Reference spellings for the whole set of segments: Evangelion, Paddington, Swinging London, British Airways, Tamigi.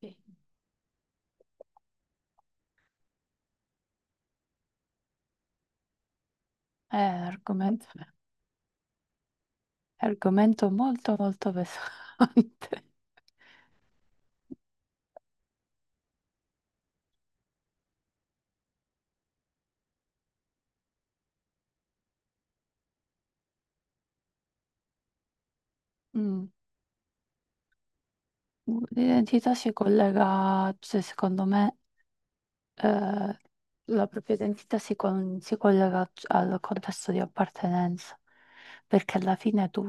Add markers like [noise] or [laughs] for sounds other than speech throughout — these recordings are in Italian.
Sì. È argomento, è argomento molto molto pesante. [laughs] Mm. L'identità si collega, cioè, secondo me, eh, la propria identità si, si collega al contesto di appartenenza, perché alla fine tu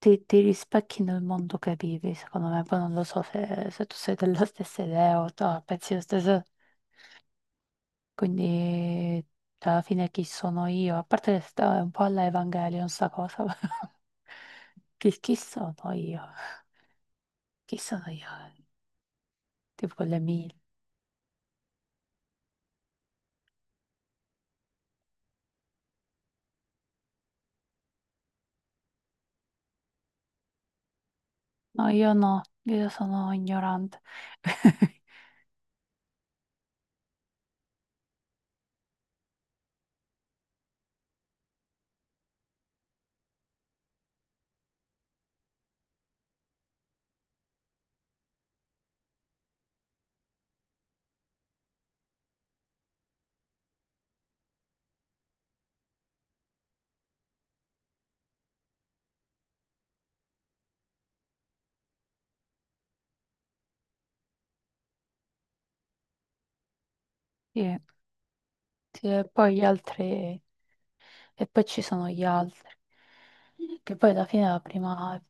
ti rispecchi nel mondo che vivi, secondo me. Poi non lo so se tu sei della [laughs] stessa idea o pensi lo stesso. Quindi, cioè, alla fine, chi sono io? A parte che sta un po' alla Evangelion, sta cosa. [laughs] Chi sono io? Chi sono io? Tipo le mille. No, io no, io sono ignorante. [laughs] Sì, sì, e poi gli altri, e poi ci sono gli altri, che poi alla fine la prima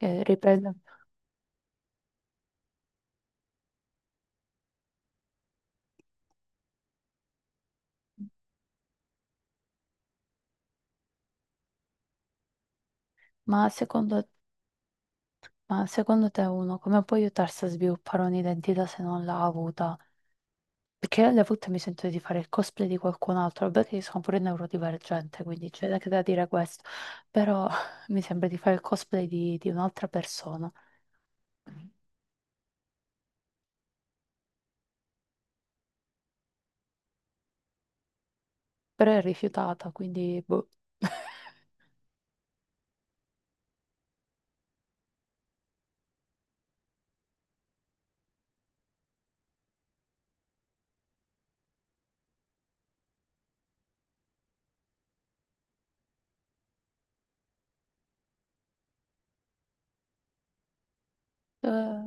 riprende. Ma secondo Ma secondo te uno come può aiutarsi a sviluppare un'identità se non l'ha avuta? Perché alle volte mi sento di fare il cosplay di qualcun altro, vabbè che io sono pure neurodivergente, quindi c'è anche da dire questo, però [laughs] mi sembra di fare il cosplay di un'altra persona, però è rifiutata, quindi boh. [laughs] Eh,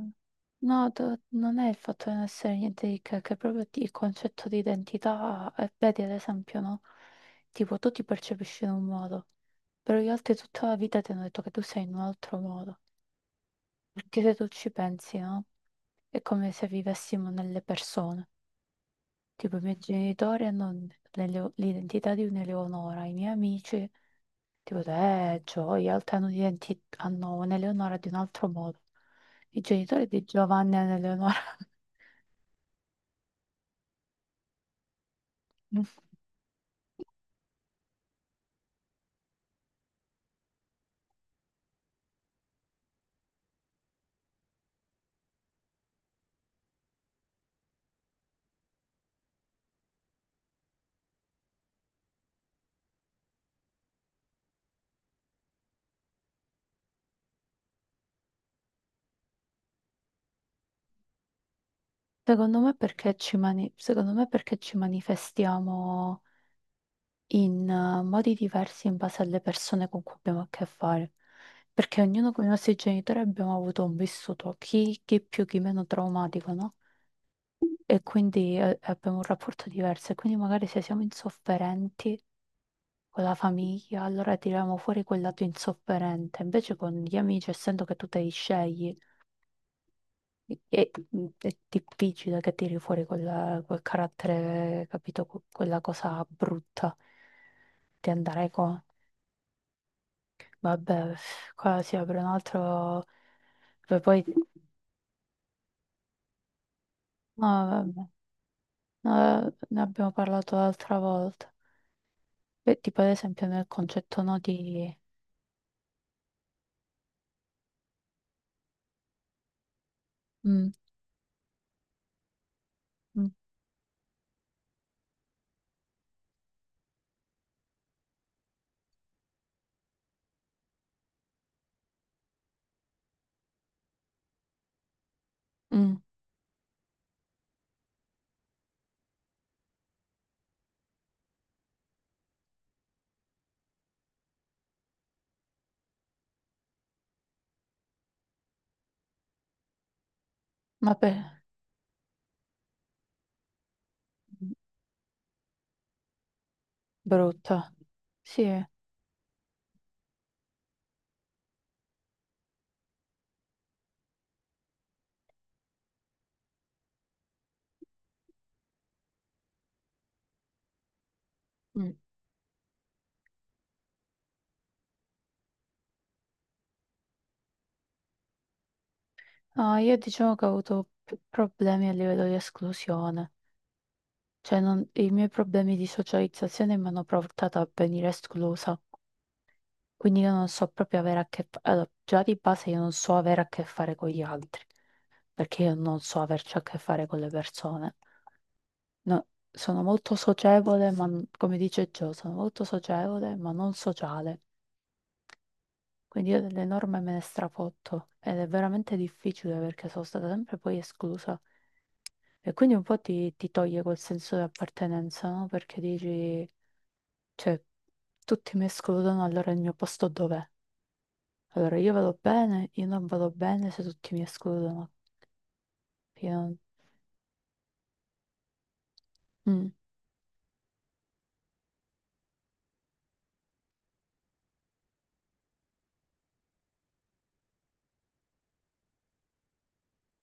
no, non è il fatto di non essere niente di che è proprio il concetto di identità, vedi ad esempio, no? Tipo tu ti percepisci in un modo, però gli altri tutta la vita ti hanno detto che tu sei in un altro modo, perché se tu ci pensi, no? È come se vivessimo nelle persone, tipo i miei genitori hanno l'identità di un'Eleonora, i miei amici. Tipo, gioia, Altano di Enti hanno un'Eleonora di un altro modo. I genitori di Giovanni hanno Eleonora. [laughs] Secondo me perché ci manifestiamo in modi diversi in base alle persone con cui abbiamo a che fare. Perché ognuno con i nostri genitori abbiamo avuto un vissuto, chi più, chi meno traumatico, no? E quindi abbiamo un rapporto diverso. E quindi magari se siamo insofferenti con la famiglia, allora tiriamo fuori quel lato insofferente. Invece con gli amici, essendo che tu te li scegli, è difficile che tiri fuori quel carattere, capito? Quella cosa brutta di andare con... Vabbè, qua si apre un altro... Beh, poi... No, vabbè. No, ne abbiamo parlato l'altra volta. E tipo ad esempio nel concetto no di... Mm, mm, mm, ma per... Brutta. Sì. Mm. No, io diciamo che ho avuto più problemi a livello di esclusione, cioè i miei problemi di socializzazione mi hanno portato a venire esclusa, quindi io non so proprio avere a che fare, allora, già di base io non so avere a che fare con gli altri, perché io non so averci a che fare con le persone. No, sono molto socievole, ma come dice Gio, sono molto socievole, ma non sociale. Quindi io delle norme me ne strafotto ed è veramente difficile perché sono stata sempre poi esclusa. E quindi un po' ti toglie quel senso di appartenenza, no? Perché dici, cioè, tutti mi escludono, allora il mio posto dov'è? Allora io vado bene, io non vado bene se tutti mi escludono. Io non- Mm.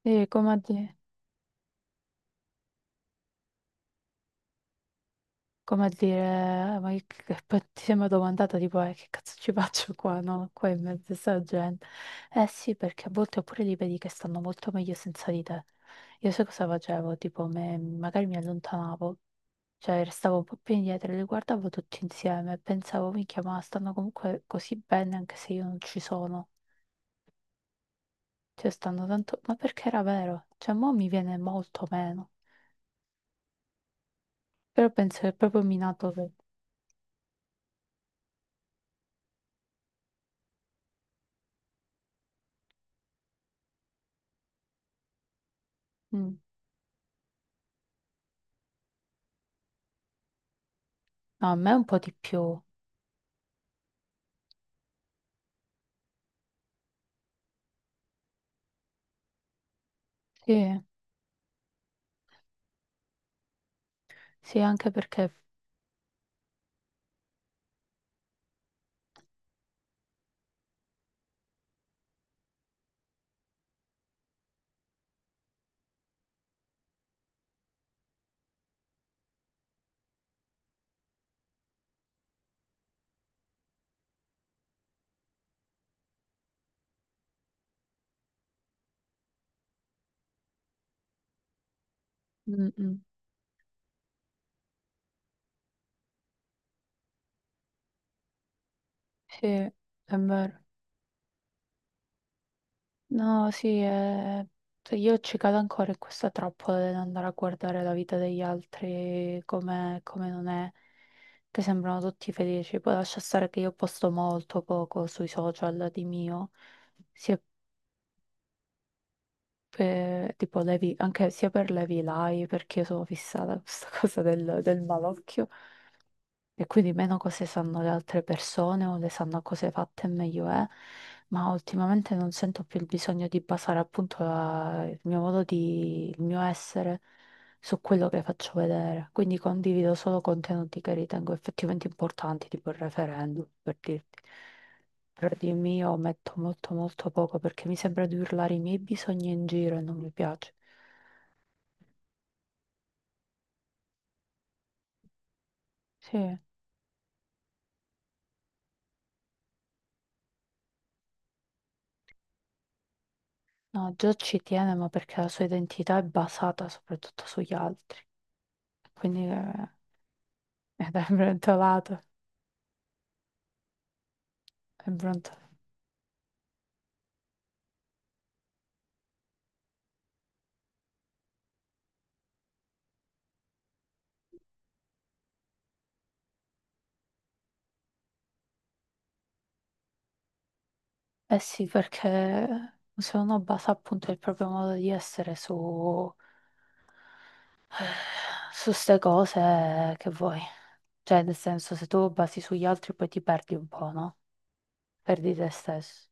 E come a dire, ma poi ti sembra domandata tipo, che cazzo ci [laughs] faccio qua, no? Qua in mezzo a sta gente. Eh sì, perché a volte oppure li vedi che stanno molto meglio senza di te. Io sai cosa facevo? Tipo, magari mi allontanavo, cioè restavo un po' più indietro e li guardavo tutti insieme e pensavo, minchia, ma stanno comunque così bene anche se io non ci sono. Cioè stanno tanto... Ma perché era vero? Cioè, mo mi viene molto meno. Però penso che è proprio minato... per- Mm. No, a me un po' di più. Sì. Sì, anche perché, mm, mm, sì, è vero. No, sì, cioè, io ci cado ancora in questa trappola dell'andare a guardare la vita degli altri come non è, che sembrano tutti felici. Poi lascia stare che io posto molto poco sui social di mio, sia per, tipo, anche sia per le live, perché io sono fissata a questa [laughs] cosa del malocchio. E quindi meno cose sanno le altre persone o le sanno cose fatte meglio è, ma ultimamente non sento più il bisogno di basare appunto il mio modo di, il mio essere su quello che faccio vedere. Quindi condivido solo contenuti che ritengo effettivamente importanti, tipo il referendum, per dirti. Però di mio metto molto molto poco perché mi sembra di urlare i miei bisogni in giro e non mi piace. Sì, no, già ci tiene, ma perché la sua identità è basata soprattutto sugli altri. Quindi [laughs] è brontolato, è brontolato. Eh sì, perché se uno basa appunto il proprio modo di essere su [sighs] su ste cose che vuoi. Cioè, nel senso, se tu basi sugli altri poi ti perdi un po', no? Perdi te stesso.